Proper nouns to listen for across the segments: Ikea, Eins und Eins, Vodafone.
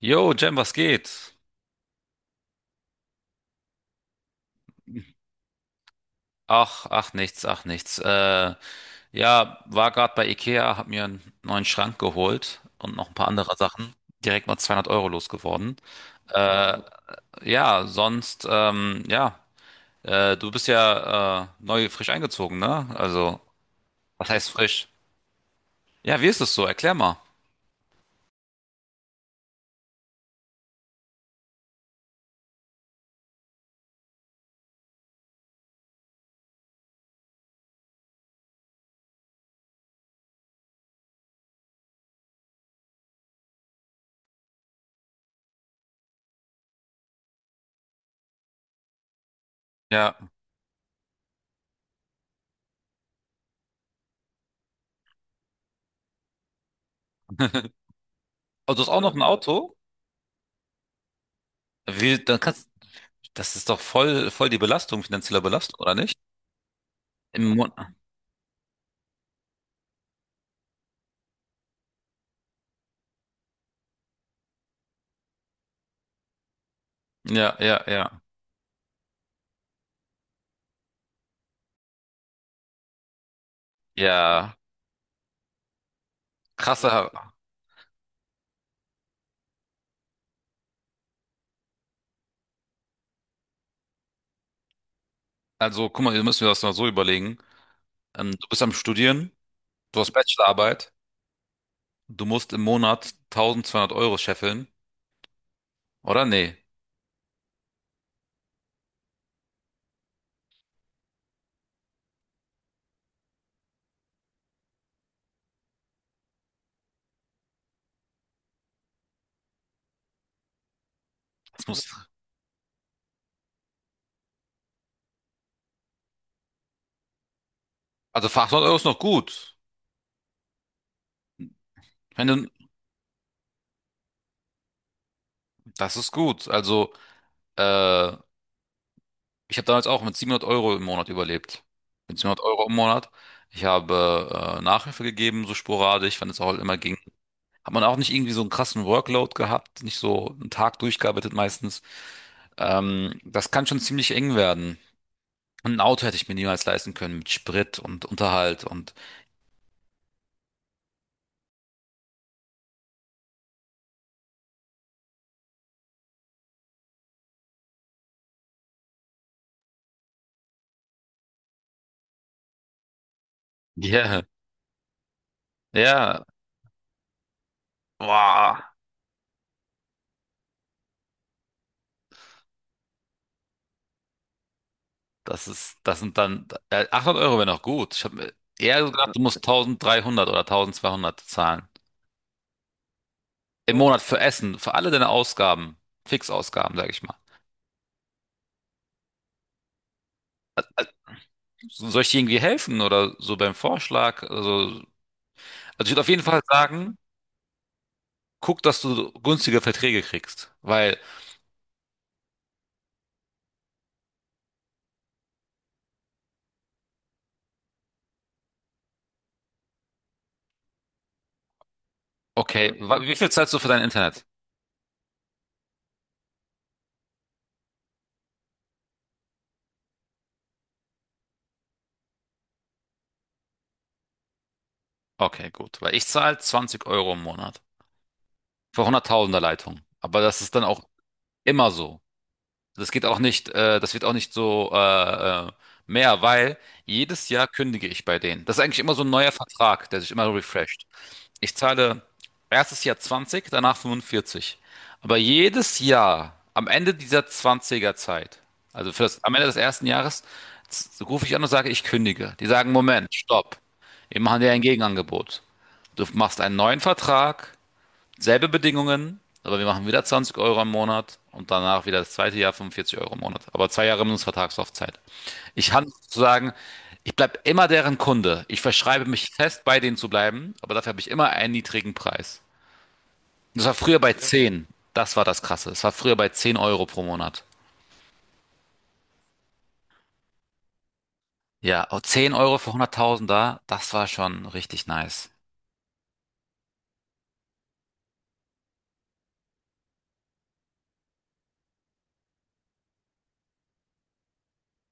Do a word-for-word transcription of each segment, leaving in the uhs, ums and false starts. Jo, Jem, was geht? Ach, ach nichts, ach nichts. Äh, ja, war gerade bei Ikea, hab mir einen neuen Schrank geholt und noch ein paar andere Sachen. Direkt mal zweihundert Euro losgeworden. Äh, ja, sonst, ähm, ja, äh, du bist ja äh, neu frisch eingezogen, ne? Also, was heißt frisch? Ja, wie ist es so? Erklär mal. Ja. Oh, du hast auch noch ein Auto? Wie, dann kannst, das ist doch voll, voll die Belastung, finanzielle Belastung, oder nicht? Im Monat. Ja, ja, ja. Ja. Krasser, also guck mal, ihr müsst mir das mal so überlegen. Ähm, du bist am Studieren, du hast Bachelorarbeit, du musst im Monat eintausendzweihundert Euro scheffeln, oder? Nee, das muss, also für achthundert Euro ist noch gut. Ich meine, das ist gut. Also, äh, ich habe damals auch mit siebenhundert Euro im Monat überlebt. Mit siebenhundert Euro im Monat. Ich habe äh, Nachhilfe gegeben, so sporadisch, wenn es auch immer ging. Hat man auch nicht irgendwie so einen krassen Workload gehabt, nicht so einen Tag durchgearbeitet meistens. Ähm, das kann schon ziemlich eng werden. Ein Auto hätte ich mir niemals leisten können mit Sprit und Unterhalt und ja, ja, wow, das ist, das sind dann äh, achthundert Euro wäre noch gut. Ich habe eher so gedacht, du musst dreizehnhundert oder zwölfhundert zahlen im Monat für Essen, für alle deine Ausgaben, Fixausgaben, sage ich mal. So- Soll ich dir irgendwie helfen oder so beim Vorschlag? Also, also ich würde auf jeden Fall sagen, guck, dass du günstige Verträge kriegst, weil, okay, wa- wie viel zahlst du für dein Internet? Okay, gut, weil ich zahle zwanzig Euro im Monat, vor hunderttausender Leitung. Aber das ist dann auch immer so. Das geht auch nicht, äh, das wird auch nicht so äh, äh, mehr, weil jedes Jahr kündige ich bei denen. Das ist eigentlich immer so ein neuer Vertrag, der sich immer refresht. Ich zahle erstes Jahr zwanzig, danach fünfundvierzig. Aber jedes Jahr, am Ende dieser zwanziger Zeit, also für das, am Ende des ersten Jahres, z- rufe ich an und sage, ich kündige. Die sagen, Moment, stopp. Wir machen dir ein Gegenangebot. Du machst einen neuen Vertrag. Selbe Bedingungen, aber wir machen wieder zwanzig Euro im Monat und danach wieder das zweite Jahr fünfundvierzig Euro im Monat. Aber zwei Jahre Mindestvertragslaufzeit. Ich kann sozusagen, ich bleibe immer deren Kunde. Ich verschreibe mich fest, bei denen zu bleiben, aber dafür habe ich immer einen niedrigen Preis. Das war früher bei zehn. Das war das Krasse. Es war früher bei zehn Euro pro Monat. Ja, oh, zehn Euro für hunderttausend da, das war schon richtig nice.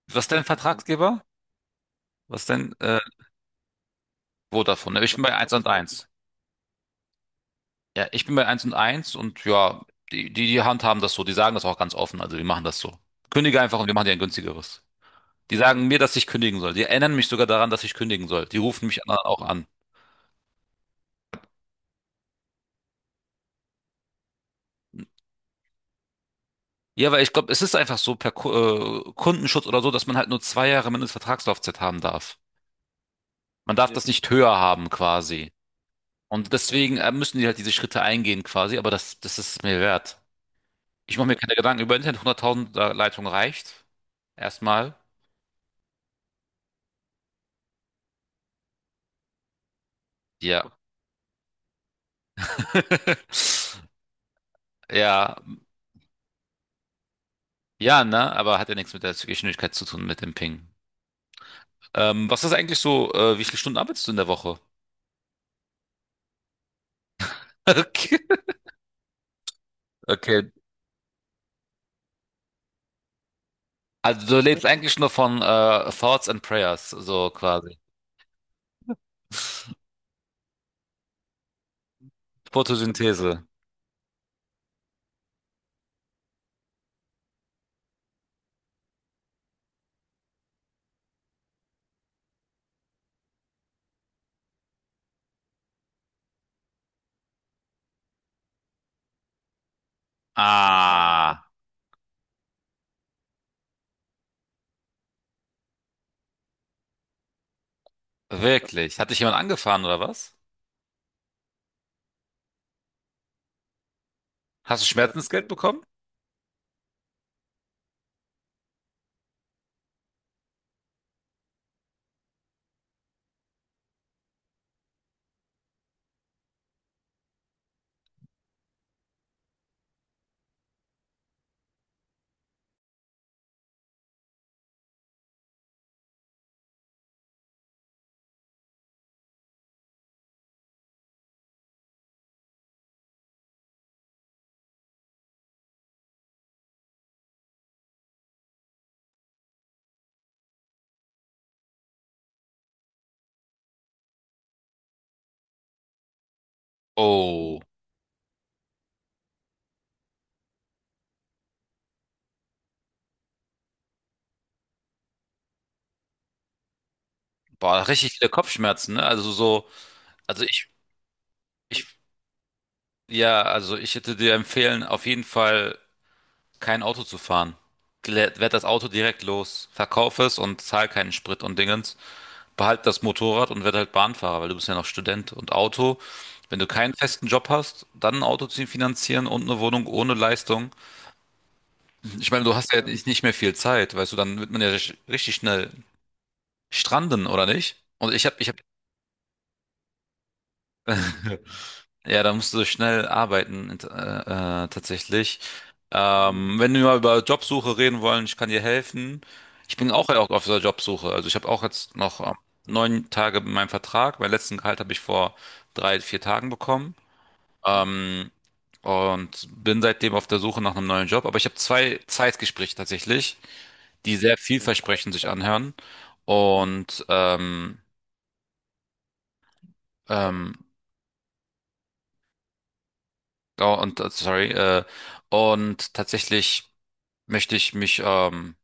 Was ist dein Vertragsgeber? Was ist dein äh, Vodafone? Ich bin bei eins und eins. Ja, ich bin bei Eins und Eins und ja, die, die, die handhaben das so. Die sagen das auch ganz offen. Also wir machen das so. Kündige einfach und wir machen dir ein günstigeres. Die sagen mir, dass ich kündigen soll. Die erinnern mich sogar daran, dass ich kündigen soll. Die rufen mich dann auch an. Ja, weil ich glaube, es ist einfach so per Ku- äh, Kundenschutz oder so, dass man halt nur zwei Jahre Mindestvertragslaufzeit haben darf. Man darf, Ja. das nicht höher haben quasi. Und deswegen äh, müssen die halt diese Schritte eingehen quasi, aber das, das ist es mir wert. Ich mache mir keine Gedanken über Internet. hunderttausend Leitung reicht. Erstmal. Ja. Ja, ja, ne, aber hat ja nichts mit der Geschwindigkeit zu tun, mit dem Ping. Ähm, was ist eigentlich so, äh, wie viele Stunden arbeitest du in der Woche? Okay. Okay. Also du lebst eigentlich nur von äh, Thoughts and Prayers, so quasi. Photosynthese. Ah, wirklich? Hat dich jemand angefahren oder was? Hast du Schmerzensgeld bekommen? Oh, boah, richtig viele Kopfschmerzen, ne? Also so, also ich, ich, ja, also ich hätte dir empfehlen, auf jeden Fall kein Auto zu fahren. Gle- Werd das Auto direkt los. Verkauf es und zahl keinen Sprit und Dingens. Behalt das Motorrad und werd halt Bahnfahrer, weil du bist ja noch Student. Und Auto, wenn du keinen festen Job hast, dann ein Auto zu finanzieren und eine Wohnung ohne Leistung. Ich meine, du hast ja Ja. nicht nicht mehr viel Zeit, weißt du, dann wird man ja richtig schnell stranden, oder nicht? Und ich habe ich hab ja, da musst du schnell arbeiten, int- äh, äh, tatsächlich. Ähm, wenn wir mal über Jobsuche reden wollen, ich kann dir helfen. Ich bin auch auf auf der Jobsuche. Also ich habe auch jetzt noch ähm, neun Tage in meinem Vertrag. Meinen letzten Gehalt habe ich vor drei, vier Tagen bekommen. Ähm, und bin seitdem auf der Suche nach einem neuen Job. Aber ich habe zwei Zeitgespräche tatsächlich, die sehr vielversprechend sich anhören. Und ähm, ähm, oh, und äh, sorry, äh, und tatsächlich möchte ich mich ähm,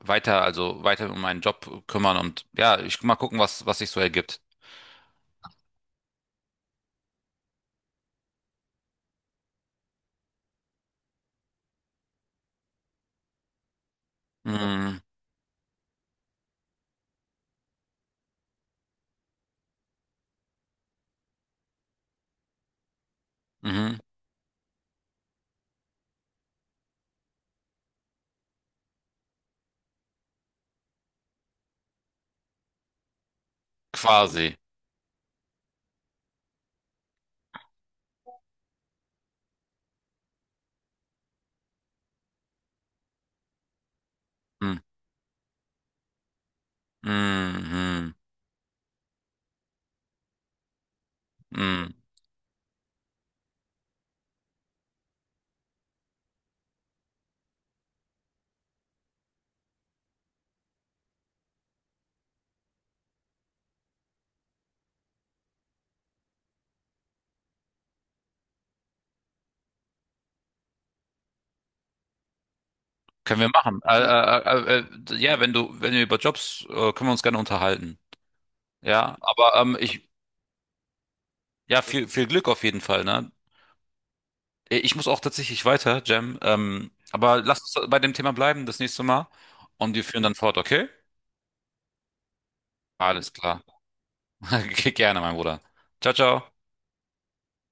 weiter, also weiter um meinen Job kümmern und ja, ich mal gucken, was, was sich so ergibt. Mhm. Mhm. Quasi. Mhm. Mhm. Mhm. Können wir machen. Äh, äh, äh, äh, ja, wenn du, wenn wir über Jobs, äh, können wir uns gerne unterhalten. Ja, aber ähm, ich, ja, viel, viel Glück auf jeden Fall, ne? Äh, Ich muss auch tatsächlich weiter, Jam. Ähm, aber lass uns bei dem Thema bleiben das nächste Mal und wir führen dann fort, okay? Alles klar. Gerne, mein Bruder. Ciao, ciao.